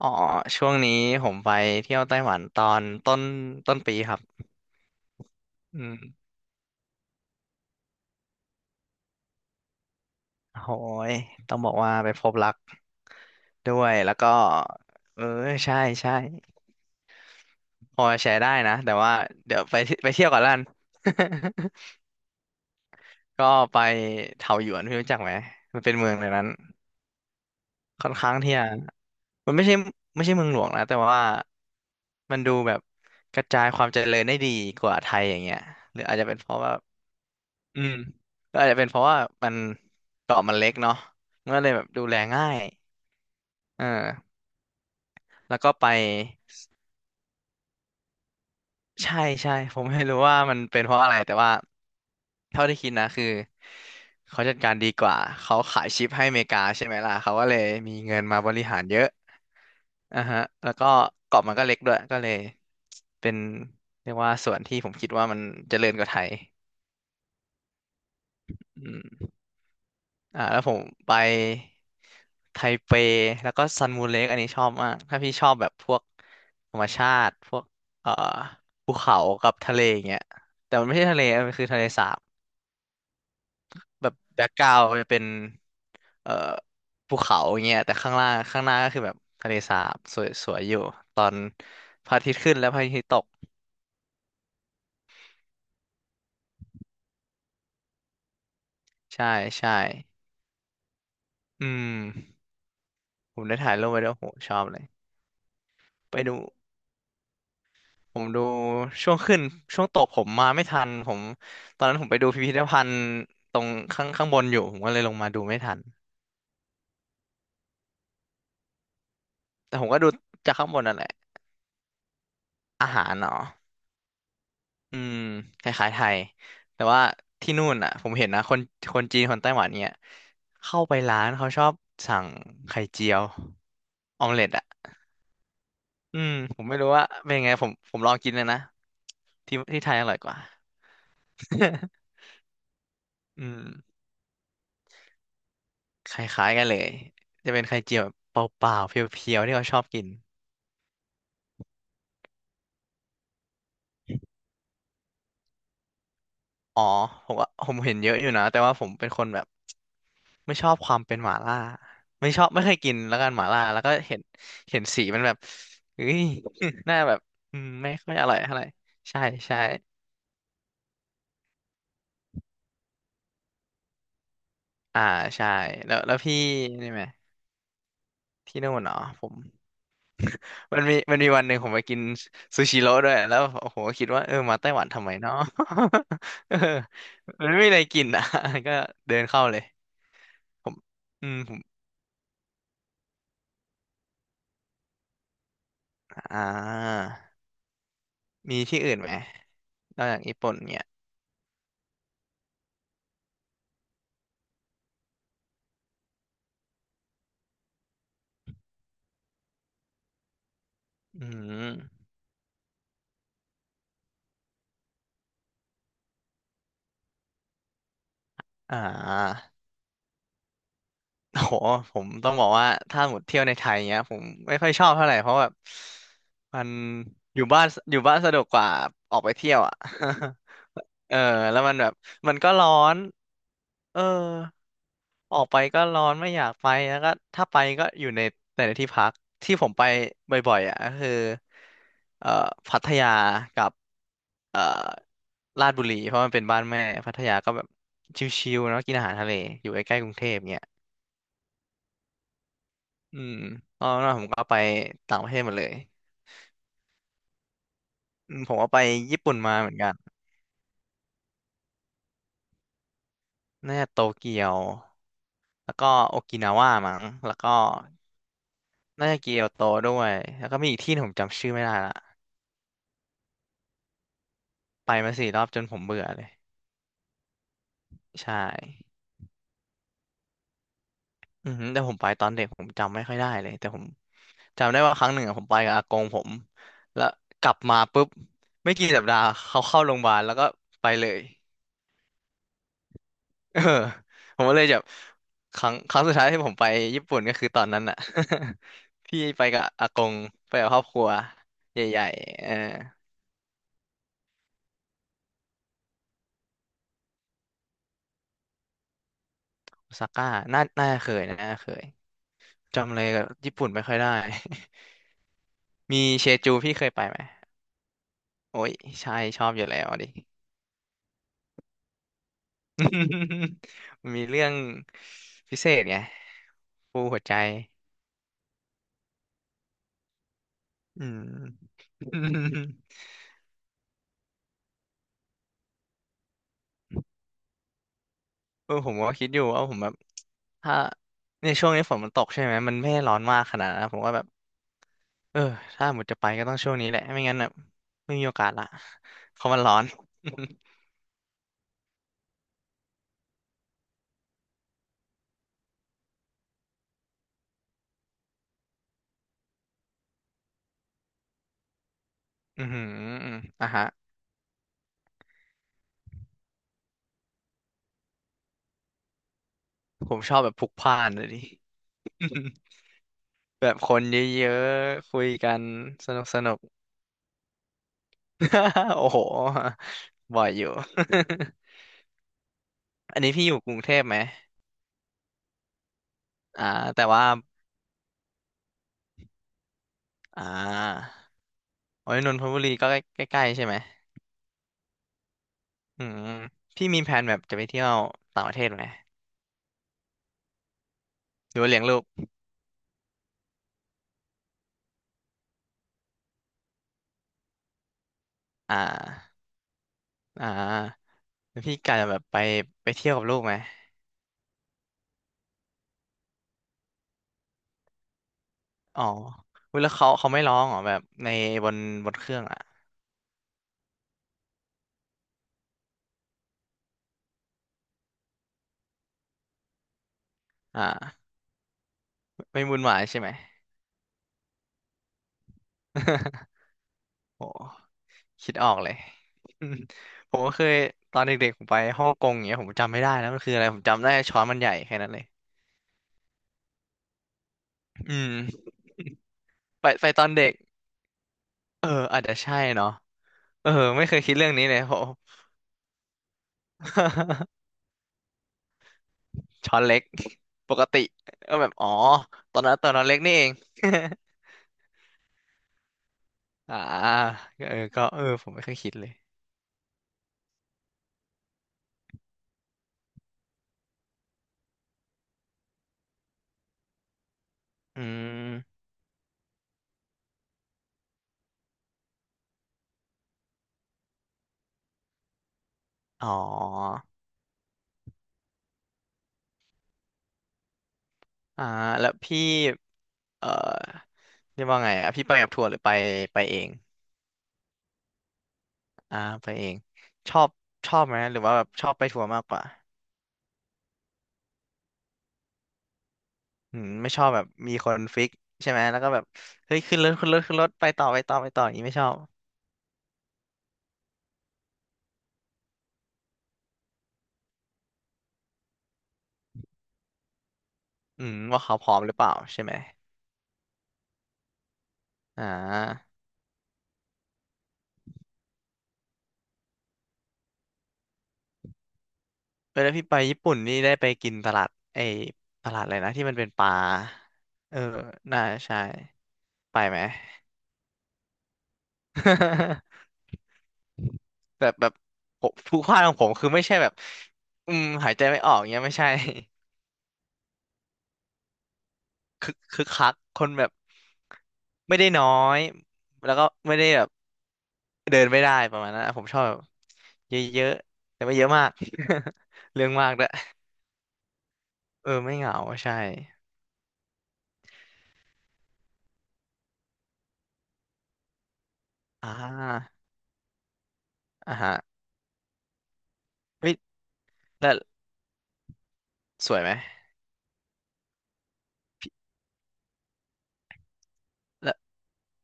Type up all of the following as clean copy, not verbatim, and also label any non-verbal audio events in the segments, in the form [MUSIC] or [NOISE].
อ๋อช่วงนี้ผมไปเที่ยวไต้หวันตอนต้นปีครับอืมโหยต้องบอกว่าไปพบรักด้วยแล้วก็เออใช่ใช่พอแชร์ได้นะแต่ว่าเดี๋ยวไปเที่ยวก่อนละกัน [LAUGHS] ก็ไปเถาหยวนพี่รู้จักไหมมันเป็นเมืองในนั้นค่อนข้างที่จะมันไม่ใช่เมืองหลวงนะแต่ว่ามันดูแบบกระจายความเจริญได้ดีกว่าไทยอย่างเงี้ยหรืออาจจะเป็นเพราะว่า อืมก็อาจจะเป็นเพราะว่ามันเกาะมันเล็กเนาะมันก็เลยแบบดูแลง่ายเออแล้วก็ไปใช่ใช่ผมไม่รู้ว่ามันเป็นเพราะอะไรแต่ว่าเท่าที่คิดนะคือเขาจัดการดีกว่าเขาขายชิปให้อเมริกาใช่ไหมล่ะเขาก็เลยมีเงินมาบริหารเยอะอ่ะฮะแล้วก็เกาะมันก็เล็กด้วยก็เลยเป็นเรียกว่าส่วนที่ผมคิดว่ามันเจริญกว่าไทยอืม แล้วผมไปไทเปแล้วก็ซันมูเล็กอันนี้ชอบมากถ้าพี่ชอบแบบพวกธรรมชาติพวกเอ่อภูเขากับทะเลอย่างเงี้ยแต่มันไม่ใช่ทะเลมันคือทะเลสาบแบบแบ็กกราวจะเป็นเอ่อภูเขาอย่างเงี้ยแต่ข้างล่างข้างหน้าก็คือแบบทะเลสาบสวยสวยอยู่ตอนพระอาทิตย์ขึ้นและพระอาทิตย์ตกใช่ใช่อืมผมได้ถ่ายรูปไว้ด้วยโหชอบเลยไปดู ผมดูช่วงขึ้นช่วงตกผมมาไม่ทันผมตอนนั้นผมไปดูพิพิธภัณฑ์ตรงข้างบนอยู่ผมก็เลยลงมาดูไม่ทันแต่ผมก็ดูจากข้างบนนั่นแหละอาหารเนาะอืมคล้ายๆไทยแต่ว่าที่นู่นอ่ะผมเห็นนะคนจีนคนไต้หวันเนี่ยเข้าไปร้านเขาชอบสั่งไข่เจียวออมเล็ตอ่ะอืมผมไม่รู้ว่าเป็นไงผมลองกินเลยนะที่ที่ไทยอร่อยกว่า [LAUGHS] อืม คล้ายๆกันเลยจะเป็นไข่เจียวแบบเปล่าๆเพียวๆที่เขาชอบกินอ๋อผมว่าผมเห็นเยอะอยู่นะแต่ว่าผมเป็นคนแบบไม่ชอบความเป็นหม่าล่าไม่ชอบไม่เคยกินแล้วกันหม่าล่าแล้วก็เห็นสีมันแบบเฮ้ย [LAUGHS] หน้าแบบอืมไม่ค่อยอร่อยเท่าไหร่ใช่ใช่อ่าใช่แล้วพี่นี่ไหมที่นู่นเนาะผม มันมีวันหนึ่งผมไปกินซูชิโร่ด้วยแล้วโอ้โหคิดว่ามาไต้หวันทำไมเนาะ [LAUGHS] เออมันไม่มีอะไรกินอ่ะ [LAUGHS] ก็เดินเข้าเลยผมผมอ่ามีที่อื่นไหมนอกจากญี่ปุ่นเนี่ยอืมอ่าโอ้โหผมต้องบอกว่าถ้าหมดเที่ยวในไทยเนี้ยผมไม่ค่อยชอบเท่าไหร่เพราะแบบมันอยู่บ้านสะดวกกว่าออกไปเที่ยวอ่ะ [LAUGHS] เออแล้วมันแบบมันก็ร้อนเออ ออกไปก็ร้อนไม่อยากไปแล้วก็ถ้าไปก็อยู่ในแต่ในที่พักที่ผมไปบ่อยๆอ่ะก็คือเอ่อพัทยากับลาดบุรีเพราะมันเป็นบ้านแม่พัทยาก็แบบชิลๆเนาะกินอาหารทะเลอยู่ใกล้ๆกรุงเทพเงี้ยอืมตอนนั้นผมก็ไปต่างประเทศหมดเลยอืมผมก็ไปญี่ปุ่นมาเหมือนกันน่าจะโตเกียวแล้วก็โอกินาว่ามั้งแล้วก็น่าจะเกียวโตด้วยแล้วก็มีอีกที่หนึ่งผมจำชื่อไม่ได้ละไปมาสี่รอบจนผมเบื่อเลยใช่ อือหือแต่ผมไปตอนเด็กผมจำไม่ค่อยได้เลยแต่ผมจำได้ว่าครั้งหนึ่งอะผมไปกับอากงผมแล้วกลับมาปุ๊บไม่กี่สัปดาห์เขาเข้าโรงพยาบาลแล้วก็ไปเลยเออผมก็เลยแบบครั้งสุดท้ายที่ผมไปญี่ปุ่นก็คือตอนนั้นอะ [LAUGHS] ที่ไปกับอากงไปกับครอบครัวใหญ่ๆโอซาก้าน่าเคยนะน่าเคยจำเลยกับญี่ปุ่นไม่ค่อยได้ [LAUGHS] มีเชจูพี่เคยไปไหมโอ้ยใช่ชอบอยู่แล้วดิ [LAUGHS] มีเรื่องพิเศษไงปูหัวใจอืม [LAUGHS] ผมก็คิดอยู่ว่าผมแบบถ้าในช่วงนี้ฝนมันตกใช่ไหมมันไม่ได้ร้อนมากขนาดนั้นนะผมก็แบบเออถ้าหมดจะไปก็ต้องช่วงนี้แหละไม่งั้นแบบไม่มีโอกาสละเพราะมันร้อน [LAUGHS] อือหืออืมอ่ะฮะผมชอบแบบพลุกพล่านเลยดิ [LAUGHS] แบบคนเยอะๆคุยกันสนุกสนุก [LAUGHS] โอ้โหบ่อยอยู่ [LAUGHS] อันนี้พี่อยู่กรุงเทพไหม อ่าแต่ว่าอ่าโอ้ยนนทบุรีก็ใกล้ๆใช่ไหมอืมพี่มีแผนแบบจะไปเที่ยวต่างประเทศไหมหรือว่าเลี้ยงลูกอ่าอ่าแล้วพี่กะจะแบบไปเที่ยวกับลูกไหมอ๋ออุ๊ยแล้วเขาไม่ร้องเหรอแบบในบนบนเครื่องอ่ะอ่าไม่วุ่นวายใช่ไหม [LAUGHS] โอ้คิดออกเลย [LAUGHS] อืมผมก็เคยตอนเด็กๆผมไปฮ่องกงอย่างเงี้ยผมจำไม่ได้แล้วมันคืออะไรผมจำได้ช้อนมันใหญ่แค่นั้นเลยอืมไปตอนเด็กเอออาจจะใช่เนาะ เออไม่เคยคิดเรื่องนี้เลยโห [LAUGHS] ช้อนเล็กปกติก็แบบอ๋อตอนนั้นเล็กนี่เอง [LAUGHS] อ่าเออก็เออผมไม่เคยคิดเลยอืมอ๋ออ่าแล้วพี่เอ่อเรียกว่าไงอ่ะพี่ไปกับทัวร์หรือไปเองอ่าไปเองชอบชอบไหมหรือว่าแบบชอบไปทัวร์มากกว่าอืมไม่ชอบแบบมีคนฟิกใช่ไหมแล้วก็แบบเฮ้ยขึ้นรถไปต่ออย่างนี้ไม่ชอบอืมว่าเขาพร้อมหรือเปล่าใช่ไหม อ่าเออแล้วพี่ไปญี่ปุ่นนี่ได้ไปกินตลาดไอ้ตลาดอะไรนะที่มันเป็นปลาเออน่าใช่ไปไหม [LAUGHS] แบบผู้พลาดของผมคือไม่ใช่แบบอืมหายใจไม่ออกเงี้ยไม่ใช่ [LAUGHS] คึกคักคนแบบไม่ได้น้อยแล้วก็ไม่ได้แบบเดินไม่ได้ประมาณนั้นอะผมชอบแบบเยอะๆแต่ไม่เยอะมาก [LAUGHS] เรื่องมากด้วยเออไม่เหงาใช่อ่าอ่าฮะเฮ้ยแล้วสวยไหม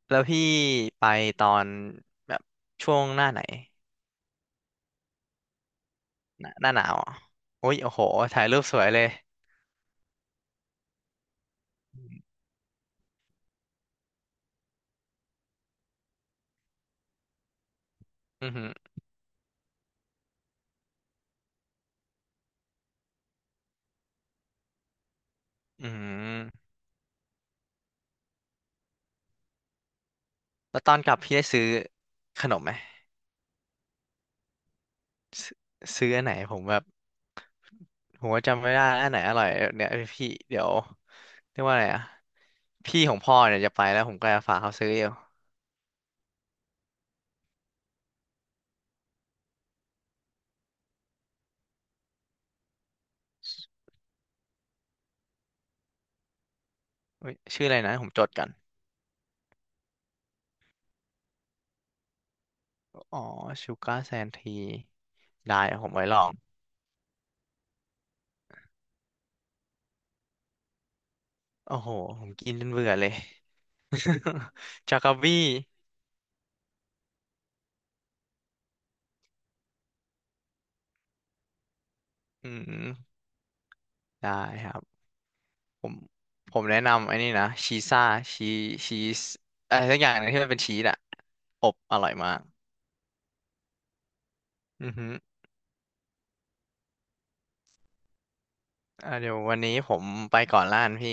แล้วพี่ไปตอนแบบช่วงหน้าไหนหน้าหนาวเหรอโอ้ยโอ้โหถ่ายรูปสวยเลยอือหืออือหือแล้วตอนกลับพี่ได้ซื้อขนมไหมซื้อซื้ออันไหนผมแบบผมว่าจำไม่ได้อันไหนอร่อยเนี่ยพี่เดี๋ยวเรียกว่าอะไรอะพี่ของพ่อเนี่ยจะไปแล้วผมก็จะฝากเขาซื้ออยู่เอ้ยชื่ออะไรนะผมจดกันอ๋อชูการ์แซนทีได้ผมไว้ลองโอ้โหผมกินจนเบื่อเลย [LAUGHS] จากาบี้ อืมได้ครับผมผมแนะนำไอ้นี่นะชีซ่าชีชีสอะไรสักอย่างหนึงที่มันเป็นชีสอะอบอร่อยมากอือฮึอ่าเดี๋ยววันนี้ผมไปก่อนล้านพี่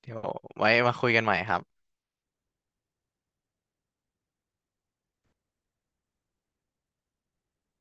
เดี๋ยวไว้มาคุยกันใหม่ครับ